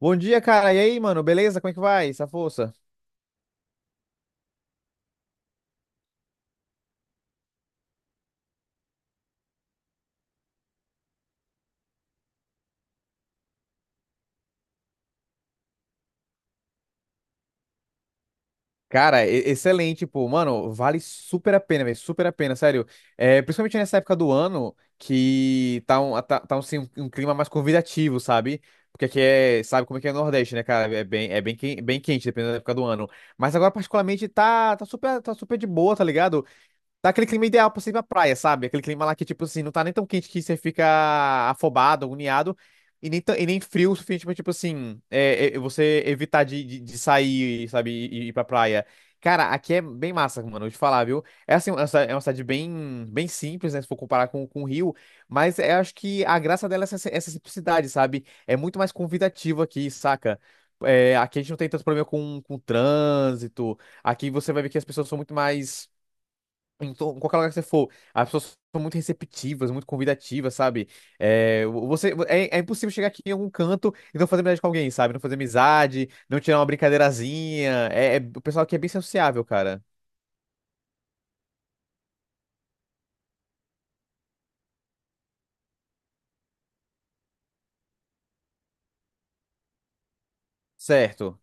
Bom dia, cara. E aí, mano? Beleza? Como é que vai? Essa força? Cara, excelente, pô. Mano, vale super a pena, velho. Super a pena, sério. É, principalmente nessa época do ano que tá um, assim, um clima mais convidativo, sabe? Porque aqui é, sabe como é que é o Nordeste, né, cara? É bem, bem quente, dependendo da época do ano. Mas agora, particularmente, tá super de boa, tá ligado? Tá aquele clima ideal pra você ir pra praia, sabe? Aquele clima lá que, tipo assim, não tá nem tão quente que você fica afobado, agoniado, e nem frio o suficiente pra, tipo assim, você evitar de sair, sabe, e ir pra praia. Cara, aqui é bem massa, mano, vou te falar, viu? É assim, essa é uma cidade bem, bem simples, né? Se for comparar com o Rio, mas eu acho que a graça dela é essa simplicidade, sabe? É muito mais convidativo aqui, saca? É, aqui a gente não tem tanto problema com trânsito. Aqui você vai ver que as pessoas são muito mais em qualquer lugar que você for, as pessoas são muito receptivas, muito convidativas, sabe? É, você, é impossível chegar aqui em algum canto e não fazer amizade com alguém, sabe? Não fazer amizade, não tirar uma brincadeirazinha. O pessoal aqui é bem sociável, cara. Certo.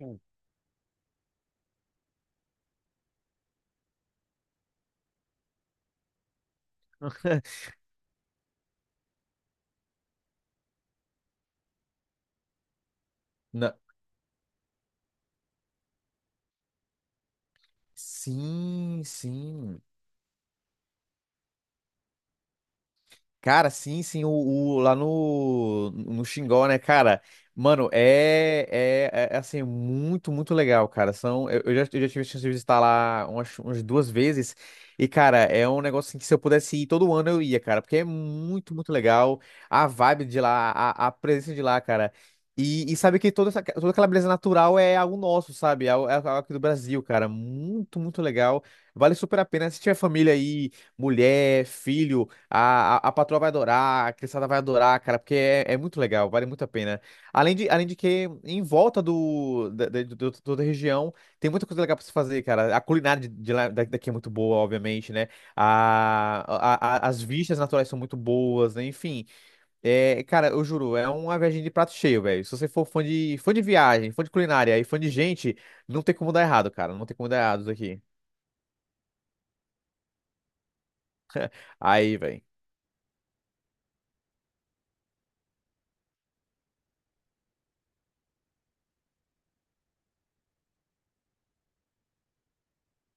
Hum. Na- Sim, sim. Cara, sim, sim, lá no Xingó, né, cara? Mano, assim, muito, muito legal, cara. São, eu já tive a chance de visitar lá umas duas vezes. E, cara, é um negócio assim, que se eu pudesse ir todo ano eu ia, cara, porque é muito, muito legal. A vibe de lá, a presença de lá, cara. E sabe que toda, essa, toda aquela beleza natural é algo nosso, sabe? É algo aqui do Brasil, cara. Muito, muito legal. Vale super a pena. Se tiver família aí, mulher, filho, a patroa vai adorar, a criançada vai adorar, cara, porque é muito legal, vale muito a pena. Além de que, em volta do, da, da, do- do- toda a região, tem muita coisa legal pra se fazer, cara. A culinária de lá, daqui é muito boa, obviamente, né? As vistas naturais são muito boas, né? Enfim, é, cara, eu juro, é uma viagem de prato cheio, velho. Se você for fã de viagem, fã de culinária e fã de gente, não tem como dar errado, cara. Não tem como dar errado isso aqui. Aí, velho.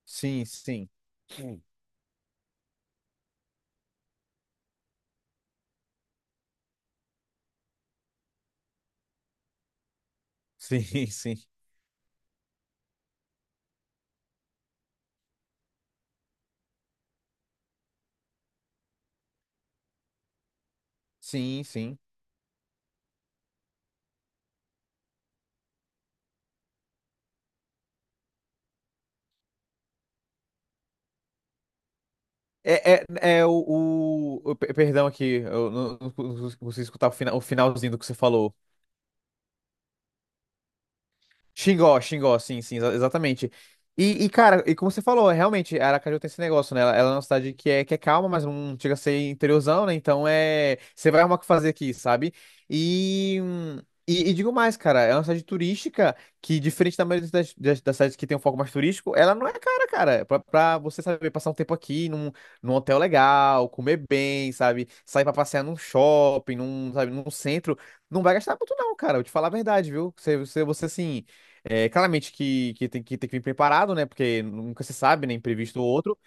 Sim, sim. Sim, sim. Sim, sim. É, é, é o, Perdão aqui, eu não consegui escutar o finalzinho do que você falou. Xingó, Xingó, sim, sim, exatamente. E, cara, e como você falou, realmente, Aracaju tem esse negócio, né? Ela é uma cidade que é calma, mas não chega a ser interiorzão, né? Então é. Você vai arrumar o que fazer aqui, sabe? E, hum, e digo mais, cara, é uma cidade turística que, diferente da maioria das cidades que tem um foco mais turístico, ela não é cara, cara. Pra você saber passar um tempo aqui num hotel legal, comer bem, sabe? Sair pra passear num shopping, num, sabe, num centro. Não vai gastar muito, não, cara. Eu te falar a verdade, viu? Você assim. É, claramente que tem que vir preparado, né? Porque nunca se sabe, né? Imprevisto ou outro.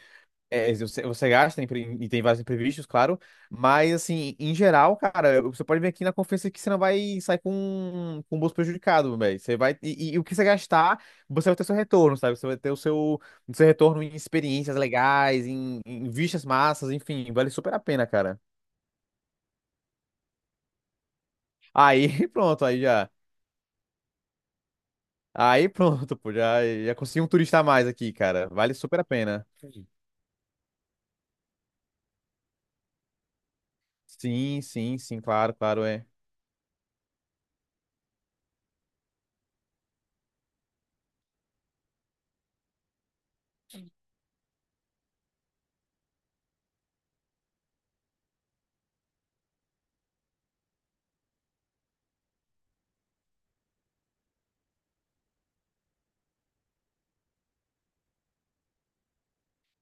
É, você gasta e tem vários imprevistos, claro. Mas, assim, em geral, cara, você pode vir aqui na confiança que você não vai sair com o bolso prejudicado, velho. Você vai. O que você gastar, você vai ter seu retorno, sabe? Você vai ter o seu retorno em experiências legais, em vistas massas, enfim, vale super a pena, cara. Aí, pronto, aí já. Aí pronto, pô, já consegui um turista a mais aqui, cara. Vale super a pena. Sim, sim, sim, claro, claro, é.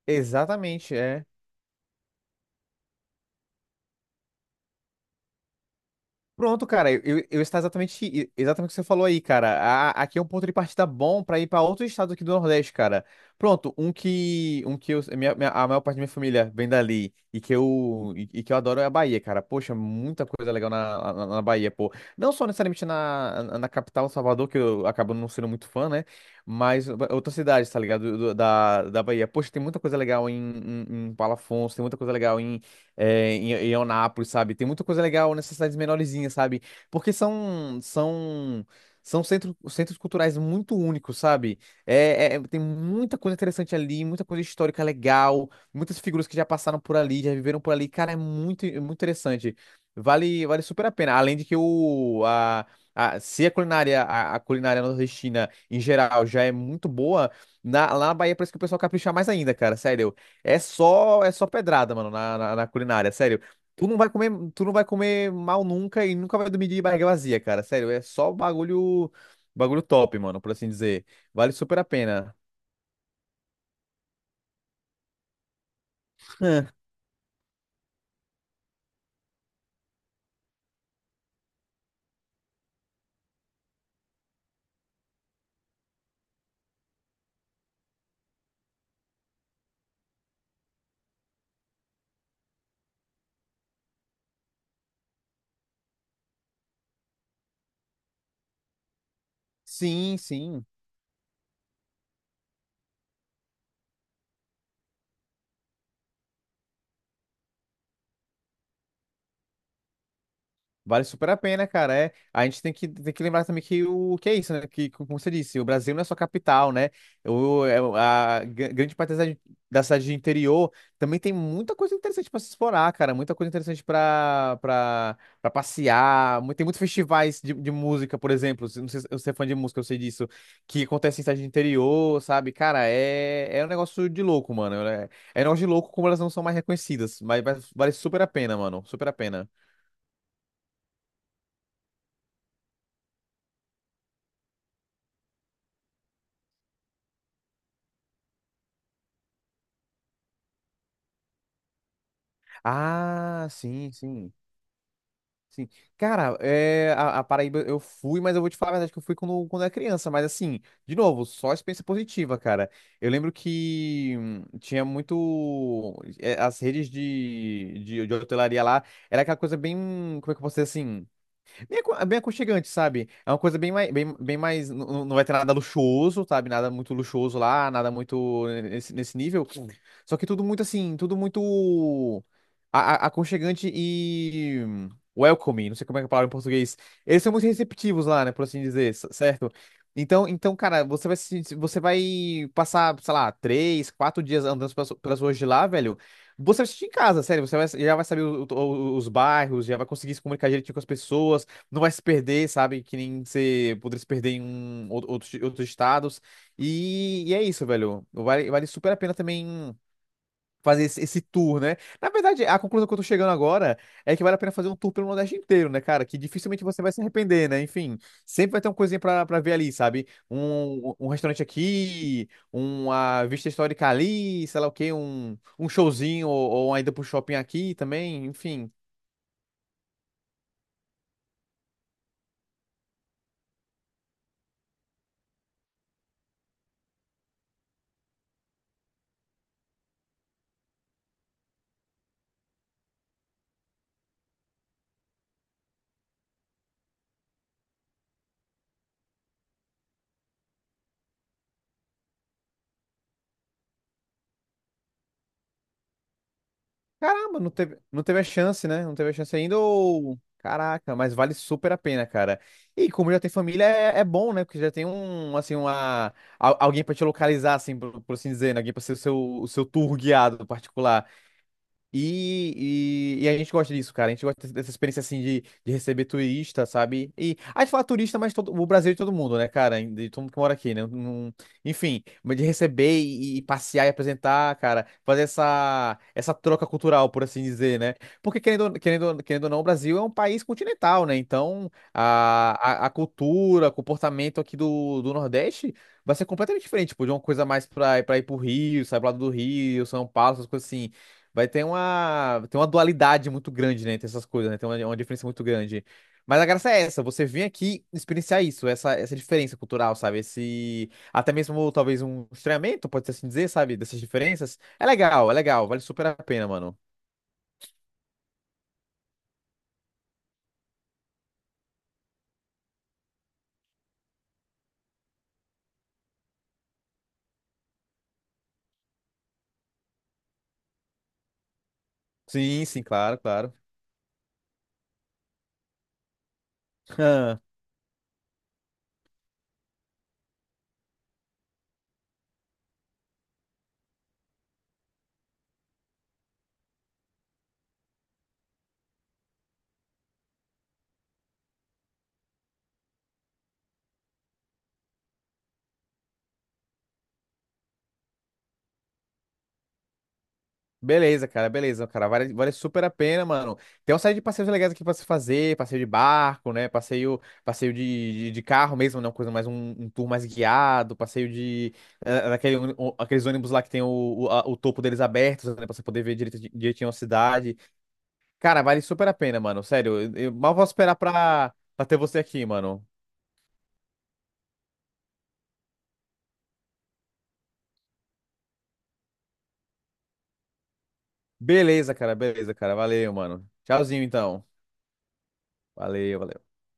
Exatamente, é. Pronto, cara, eu está exatamente, exatamente o que você falou aí, cara. Aqui é um ponto de partida bom pra ir pra outros estados aqui do Nordeste, cara. Pronto, um que a maior parte da minha família vem dali e que eu adoro é a Bahia, cara. Poxa, muita coisa legal na Bahia, pô. Não só necessariamente na capital, Salvador, que eu acabo não sendo muito fã, né? Mas outras cidades, tá ligado? Da Bahia. Poxa, tem muita coisa legal em Palafox, tem muita coisa legal em Eunápolis, sabe? Tem muita coisa legal nessas cidades menorzinhas, sabe? Porque são centros culturais muito únicos, sabe? Tem muita coisa interessante ali, muita coisa histórica legal, muitas figuras que já passaram por ali, já viveram por ali. Cara, é muito interessante. Vale super a pena. Além de que o, a- se a culinária, a culinária nordestina em geral já é muito boa, lá na Bahia parece que o pessoal capricha mais ainda, cara. Sério. É só pedrada, mano, na culinária, sério. Tu não vai comer mal nunca e nunca vai dormir de barriga vazia, cara. Sério, é só bagulho top, mano, por assim dizer. Vale super a pena. Sim, sim. Vale super a pena, cara. É, a gente tem que, lembrar também que o que é isso, né? Que, como você disse, o Brasil não é só capital, né? A grande parte da cidade de interior também tem muita coisa interessante para se explorar, cara. Muita coisa interessante para passear. Tem muitos festivais de música, por exemplo. Não sei se você é fã de música, eu sei disso. Que acontece em cidade de interior, sabe? Cara, é um negócio de louco, mano. É um negócio de louco como elas não são mais reconhecidas. Mas vale super a pena, mano. Super a pena. Ah, sim, sim, sim. Cara, a Paraíba eu fui, mas eu vou te falar a verdade que eu fui quando era criança. Mas assim, de novo, só experiência positiva, cara. Eu lembro que tinha muito. As redes de hotelaria lá era aquela coisa bem. Como é que eu posso dizer assim? Bem, bem aconchegante, sabe? É uma coisa bem mais. Não vai ter nada luxuoso, sabe? Nada muito luxuoso lá, nada muito nesse nível. Sim. Só que tudo muito assim, tudo muito a- aconchegante e welcoming. Não sei como é que é a palavra em português. Eles são muito receptivos lá, né? Por assim dizer, certo? Então, cara, você vai, se- você vai passar, sei lá, três, quatro dias andando pelas ruas de lá, velho. Você vai se sentir em casa, sério. Já vai saber os bairros, já vai conseguir se comunicar direitinho com as pessoas, não vai se perder, sabe? Que nem você poderia se perder em outros estados. E é isso, velho. Vale super a pena também fazer esse, tour, né? Na verdade, a conclusão que eu tô chegando agora é que vale a pena fazer um tour pelo Nordeste inteiro, né, cara? Que dificilmente você vai se arrepender, né? Enfim, sempre vai ter uma coisinha pra ver ali, sabe? Um restaurante aqui, uma vista histórica ali, sei lá o quê, um showzinho ou ainda pro shopping aqui também, enfim. Caramba, não teve a chance, né? Não teve a chance ainda ou... Caraca, mas vale super a pena, cara. E como já tem família, é bom, né? Porque já tem um, assim, Alguém pra te localizar, assim, por assim dizer, né? Alguém pra ser o seu tour guiado particular. E a gente gosta disso, cara. A gente gosta dessa experiência assim de receber turista, sabe? E a gente fala turista, mas o Brasil é de todo mundo, né, cara? De todo mundo que mora aqui, né? Enfim, mas de receber e passear e apresentar, cara, fazer essa troca cultural, por assim dizer, né? Porque querendo, querendo ou não, o Brasil é um país continental, né? Então a cultura, o comportamento aqui do Nordeste vai ser completamente diferente, tipo, de uma coisa mais pra ir pro Rio, sair pro lado do Rio, São Paulo, essas coisas assim. Vai ter uma dualidade muito grande, né, entre essas coisas, né? Tem uma diferença muito grande. Mas a graça é essa, você vem aqui experienciar isso, essa diferença cultural, sabe? Esse, até mesmo talvez um estranhamento, pode ser assim dizer, sabe? Dessas diferenças. É legal, vale super a pena, mano. Sim, sim, claro, claro. Beleza, cara, beleza, cara. Vale super a pena, mano. Tem uma série de passeios legais aqui pra se fazer, passeio de barco, né? Passeio de carro mesmo, né? Uma coisa mais um tour mais guiado, passeio de aqueles ônibus lá que tem o topo deles abertos, né? Pra você poder ver direitinho a cidade. Cara, vale super a pena, mano. Sério, eu mal posso esperar pra ter você aqui, mano. Beleza, cara, beleza, cara. Valeu, mano. Tchauzinho, então. Valeu, valeu.